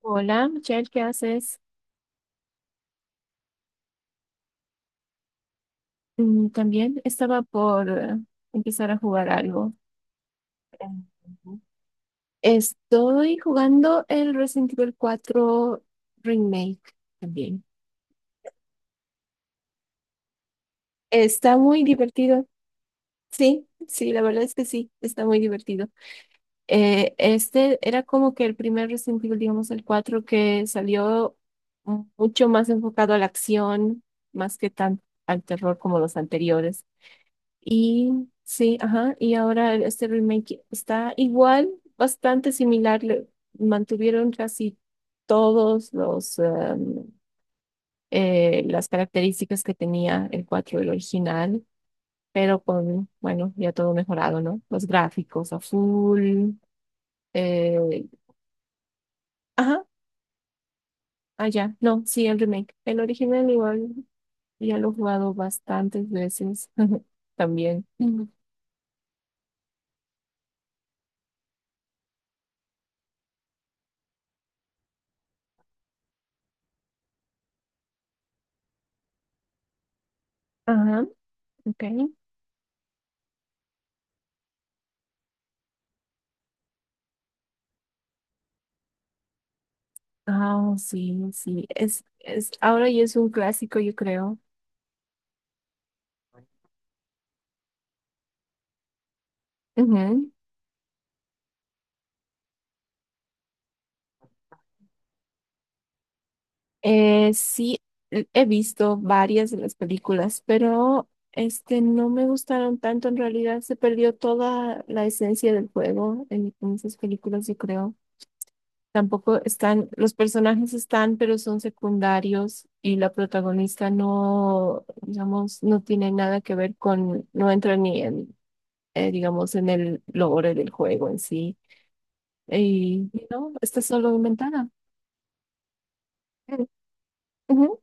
Hola, Michelle, ¿qué haces? También estaba por empezar a jugar algo. Ujú. Estoy jugando el Resident Evil 4 Remake también. Está muy divertido. Sí, sí, la verdad es que sí, está muy divertido. Este era como que el primer Resident Evil, digamos el 4 que salió mucho más enfocado a la acción, más que tan al terror como los anteriores. Y sí, ajá, y ahora este remake está igual, bastante similar, mantuvieron casi todos los las características que tenía el 4 el original, pero con, bueno, ya todo mejorado, ¿no? Los gráficos a full, eh, ajá, allá, no, sí, el remake. El original igual ya lo he jugado bastantes veces también. Ujú. Ajá, ok. Ah, sí, sí. Ahora ya es un clásico, yo creo. Ujú. Sí, he visto varias de las películas, pero este no me gustaron tanto. En realidad se perdió toda la esencia del juego en esas películas, yo creo. Tampoco están, los personajes están, pero son secundarios y la protagonista no, digamos, no tiene nada que ver con, no entra ni en, digamos, en el lore del juego en sí. Y no, está solo inventada. Mm, ujú.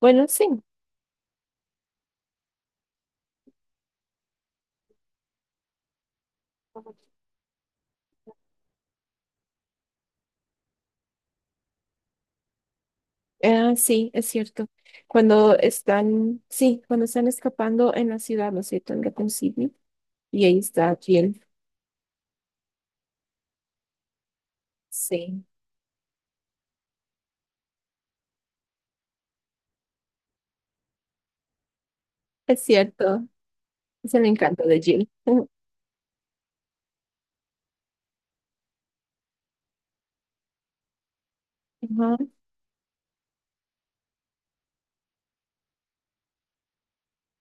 Bueno, sí. Ah, sí, es cierto. Cuando están, sí, cuando están escapando en la ciudad, ¿no es cierto? En Gotham City. Y ahí está Jill. Sí, es cierto. Es el encanto de Jill. Ujú. Ajá.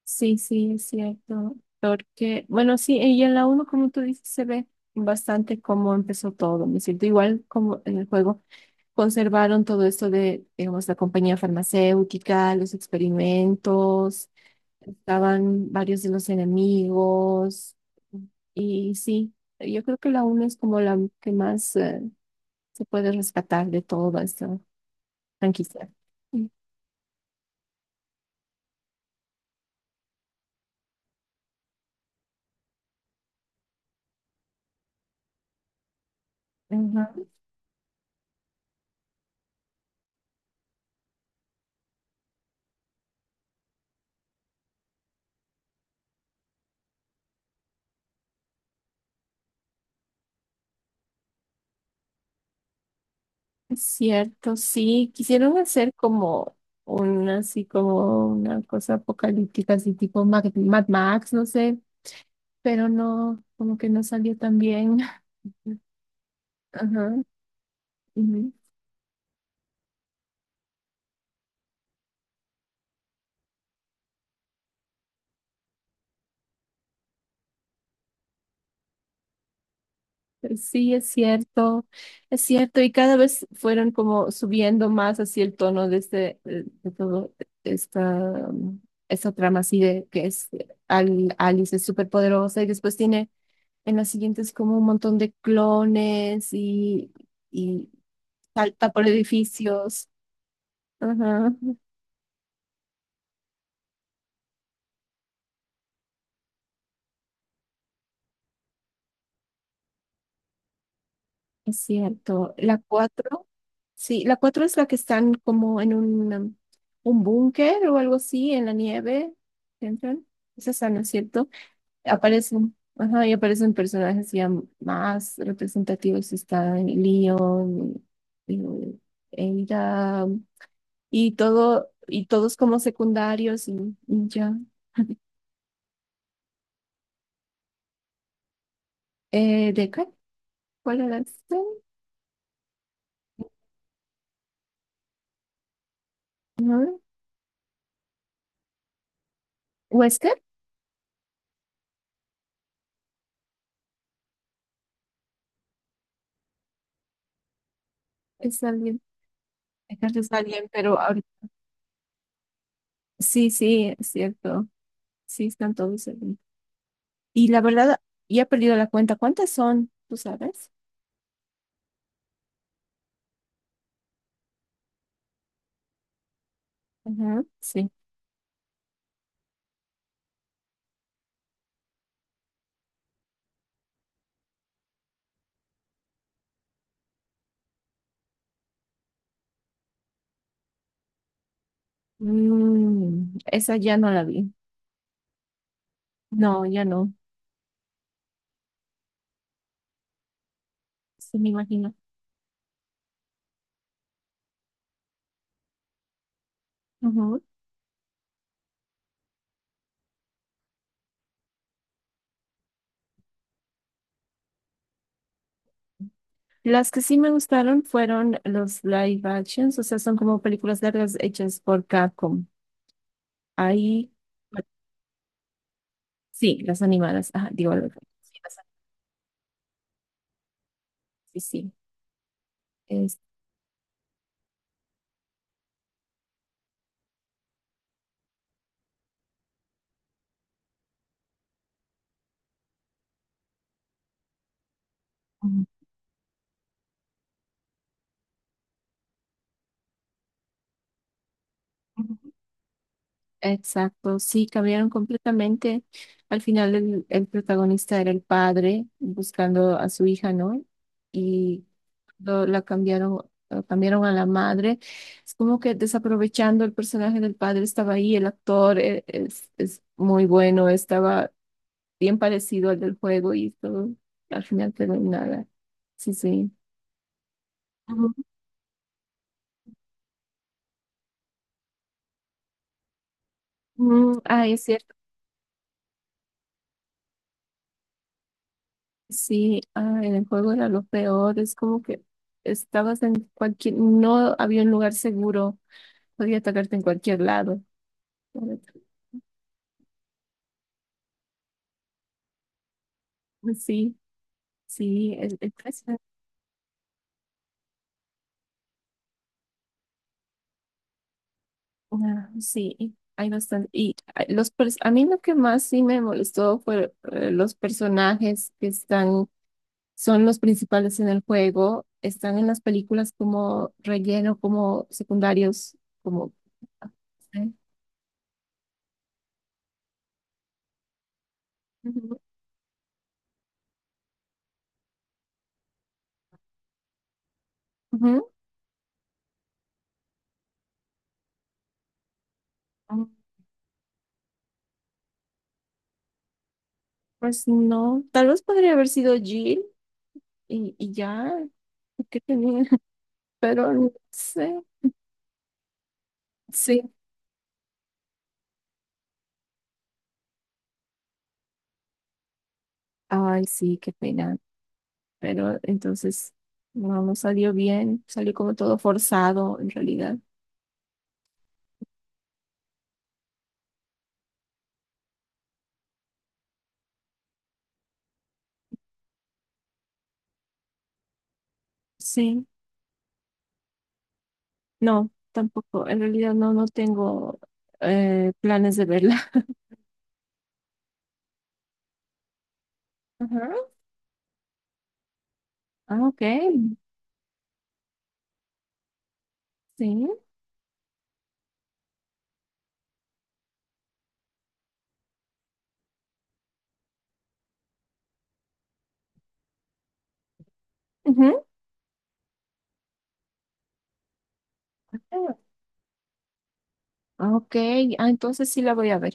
Sí, sí, es cierto. Porque, bueno, sí, y en la uno como tú dices, se ve bastante cómo empezó todo, ¿no es cierto? Igual como en el juego. Conservaron todo esto de, digamos, la compañía farmacéutica, los experimentos, estaban varios de los enemigos. Y sí, yo creo que la una es como la que más se puede rescatar de toda esta franquicia. Mm, ajá. Es cierto, sí, quisieron hacer como una, así como una cosa apocalíptica, así tipo Mad Max, no sé, pero no, como que no salió tan bien. Ajá. Ujú. Sí, es cierto, y cada vez fueron como subiendo más así el tono de este, de todo esta, um, esta trama así de que es Alice es súper poderosa y después tiene en las siguientes como un montón de clones y salta por edificios. Ajá. Es cierto, la 4 sí, la 4 es la que están como en un, un búnker o algo así, en la nieve, entran, esa es, ¿no es cierto? Aparecen, ajá, y aparecen personajes ya más representativos, está Leon, y Ada, y todo, y todos como secundarios, y ya. ¿Deckard? ¿Cuál era este? ¿No? ¿Wesker? Es alguien, Deckard es alguien, pero ahorita sí, sí, es cierto. Sí, están todos ahí. Y la verdad, ya he perdido la cuenta. ¿Cuántas son? ¿Tú sabes? Ajá, sí. Mm, esa ya no la vi. No, ya no. Sí, me imagino. Ujú. Las que sí me gustaron fueron los live actions, o sea, son como películas largas hechas por Capcom. Ahí, sí, las animadas. Ajá, sí, sí, sí. Es- Ujú. Exacto, sí, cambiaron completamente. Al final el protagonista era el padre buscando a su hija, ¿no? Y la cambiaron, lo cambiaron a la madre. Es como que desaprovechando el personaje del padre, estaba ahí, el es muy bueno, estaba bien parecido al del juego y todo, al final quedó en nada. Sí, sí. Ujú. Mm, ah, es cierto. Sí, ah, en el juego era lo peor, es como que estabas en cualquier, no había un lugar seguro, podía atacarte en cualquier lado. Sí, sí, el precio, ah, sí, hay bastante. Y ah, a mí lo que más sí me molestó fue los personajes que están, son los principales en el juego, están en las películas como relleno, como secundarios, como... ¿eh? Ujú, ujú. Pues no, tal vez podría haber sido Jill y ya, porque tenía, pero no sé, sí, ay, sí, qué pena, pero entonces no, no salió bien, salió como todo forzado en realidad, sí, no, tampoco, en realidad no, no tengo planes de verla. Ajá. Ah, ok, sí, ujú. Ah, ok, ah, entonces sí la voy a ver,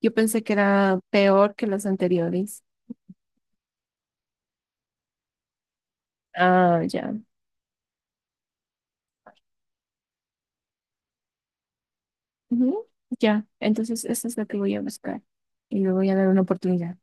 yo pensé que era peor que las anteriores, ah, ya. Ujú, ya, entonces eso es lo que voy a buscar y le voy a dar una oportunidad.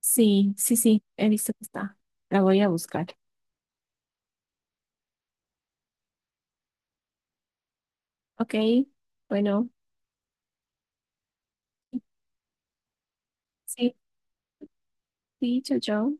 Sí, sí, sí, he visto que está. La voy a buscar. Ok, bueno, sí, sí, chao, chao.